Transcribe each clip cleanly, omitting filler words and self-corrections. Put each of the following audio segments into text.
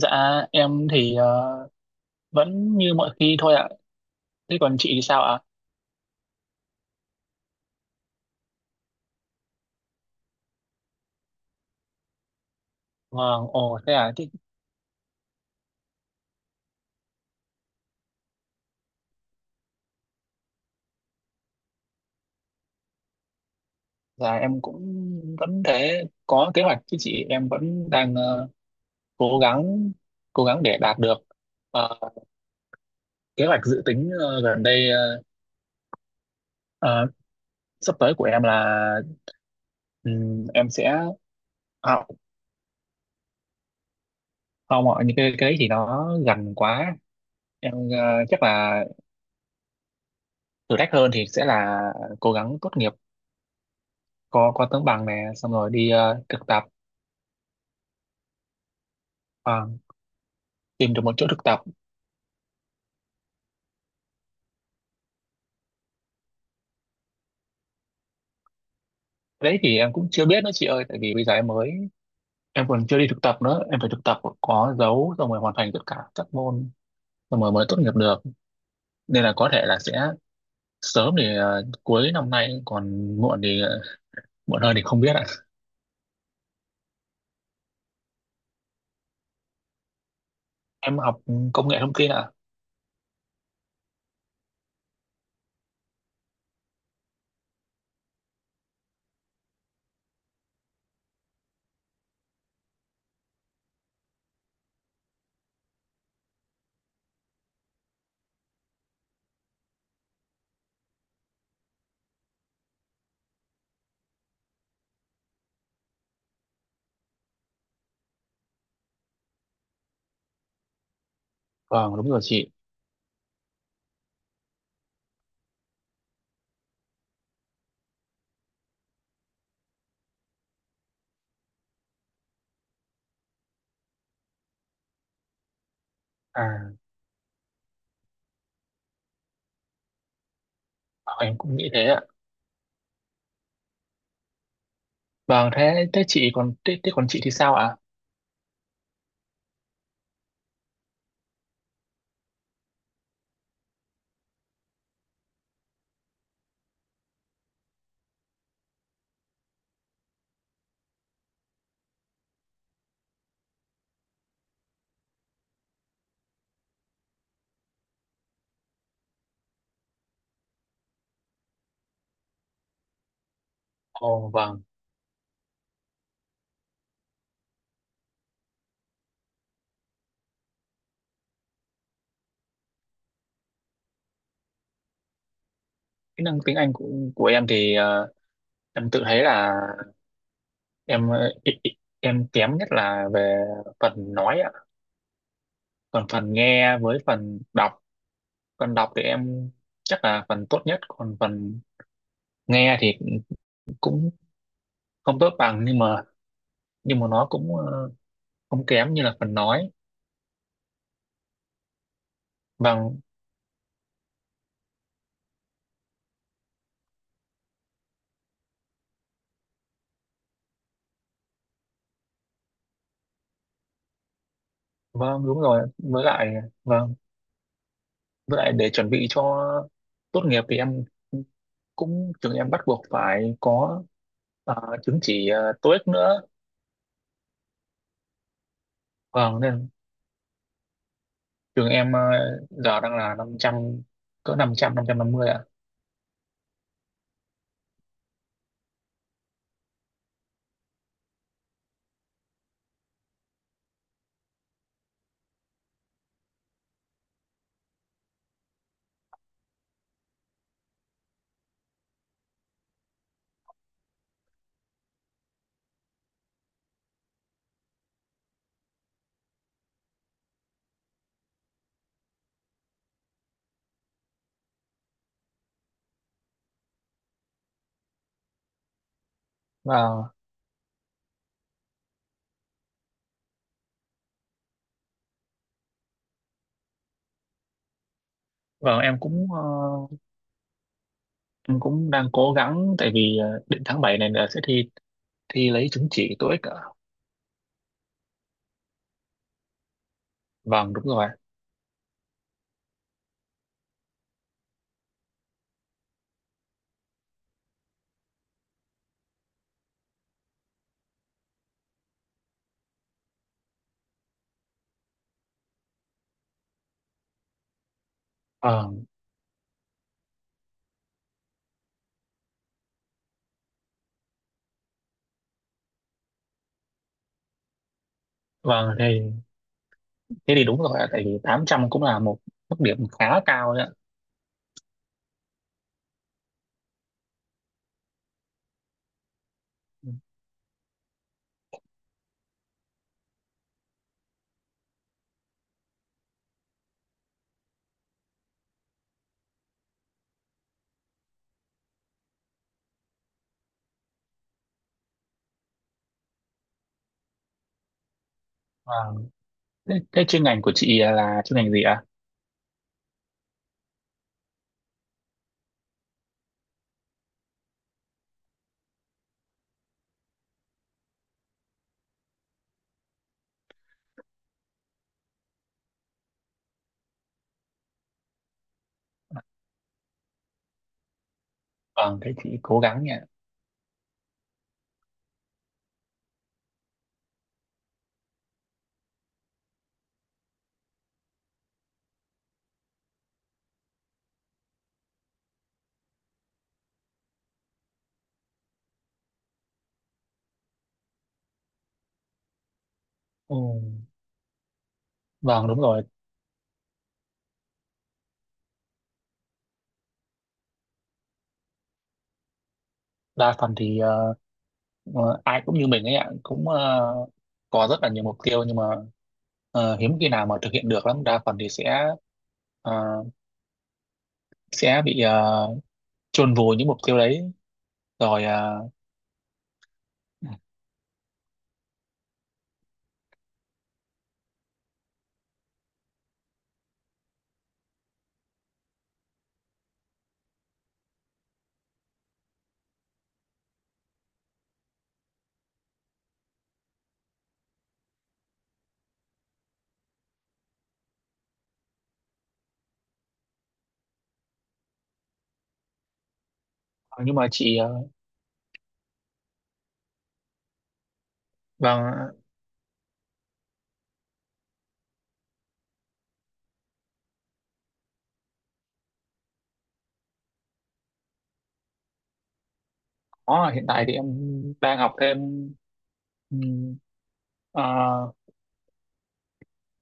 Dạ em thì vẫn như mọi khi thôi ạ. Thế còn chị thì sao ạ? Vâng, ồ thế à, thế, dạ em cũng vẫn thế, có kế hoạch chứ chị, em vẫn đang cố gắng cố gắng để đạt được Ờ, kế hoạch dự tính gần đây, ờ, sắp tới của em là em sẽ học không ạ, những cái đấy thì nó gần quá. Em chắc là thử thách hơn thì sẽ là cố gắng tốt nghiệp, có tấm bằng này xong rồi đi thực tập. Ờ, tìm được một chỗ thực tập. Cái đấy thì em cũng chưa biết nữa chị ơi, tại vì bây giờ em mới, em còn chưa đi thực tập nữa, em phải thực tập có dấu xong rồi hoàn thành tất cả các môn xong rồi mới tốt nghiệp được, nên là có thể là sẽ sớm thì cuối năm nay, còn muộn thì muộn hơn thì không biết ạ. Em học công nghệ thông tin ạ. Vâng đúng rồi chị. À vâng, em cũng nghĩ thế ạ. Vâng, thế thế chị còn thế, thế còn chị thì sao ạ? Ồ vâng. Kỹ năng tiếng Anh của em thì em tự thấy là em kém nhất là về phần nói ạ. Còn phần nghe với phần đọc, phần đọc thì em chắc là phần tốt nhất, còn phần nghe thì cũng không tốt bằng, nhưng mà nó cũng không kém như là phần nói. Vâng, vâng đúng rồi, với lại. Vâng, với lại để chuẩn bị cho tốt nghiệp thì em cũng trường em bắt buộc phải có ờ, chứng chỉ TOEIC nữa. Vâng, nên trường em giờ đang là 500, cỡ năm 500, 550 ạ. Vâng, vâng, em cũng đang cố gắng tại vì định tháng 7 này là sẽ thi thi lấy chứng chỉ TOEIC ạ. Vâng đúng rồi. Vâng, vâng thì thế thì đúng rồi ạ, tại vì 800 cũng là một mức điểm khá cao đấy ạ. Vâng, thế chuyên ngành của chị là chuyên ngành gì ạ? Vâng, thế chị cố gắng nhỉ. Ừ. Vâng đúng rồi, đa phần thì ai cũng như mình ấy ạ, cũng có rất là nhiều mục tiêu nhưng mà hiếm khi nào mà thực hiện được lắm, đa phần thì ờ, sẽ bị chôn vùi những mục tiêu đấy rồi, nhưng mà chị vâng. Có, hiện tại thì em đang học thêm ừm, ờ,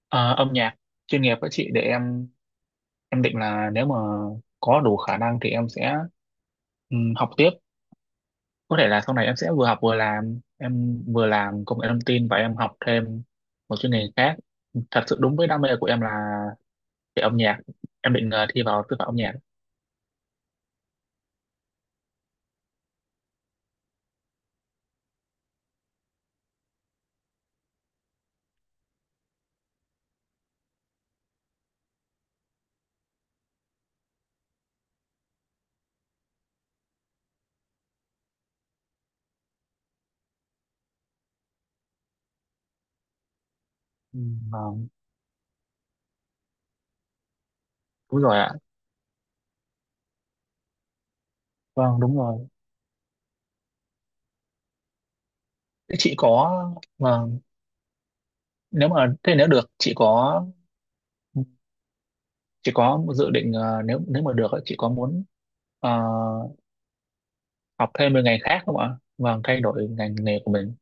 ờ, âm nhạc chuyên nghiệp với chị, để em định là nếu mà có đủ khả năng thì em sẽ học tiếp, có thể là sau này em sẽ vừa học vừa làm, em vừa làm công nghệ thông tin và em học thêm một chuyên ngành khác thật sự đúng với đam mê của em là về âm nhạc. Em định thi vào sư phạm âm nhạc. Ừ. Vâng, đúng rồi ạ. Vâng, đúng rồi. Thế chị có, vâng, nếu mà thế, nếu được chị có dự định nếu nếu mà được ấy, chị có muốn ờ, học thêm một ngành khác không ạ? Vâng, thay đổi ngành nghề của mình.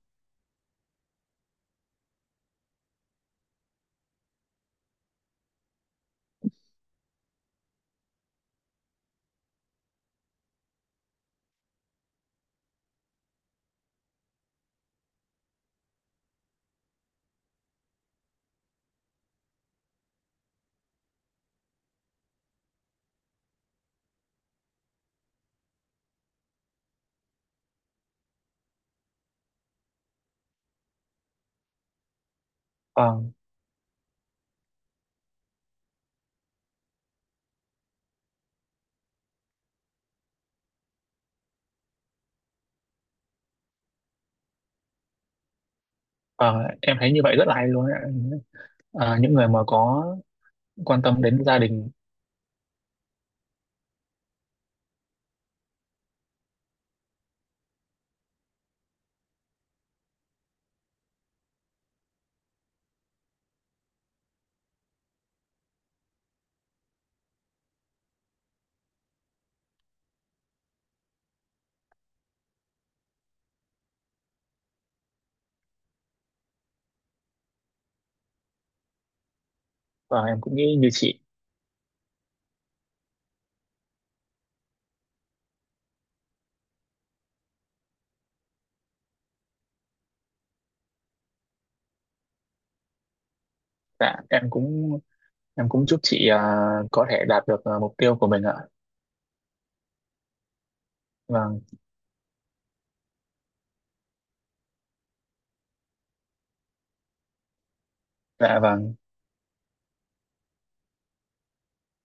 Vâng. Ờ, em thấy như vậy rất là hay luôn ấy. Những người mà có quan tâm đến gia đình, và em cũng nghĩ như chị. Dạ em cũng, chúc chị có thể đạt được mục tiêu của mình ạ. Vâng dạ vâng.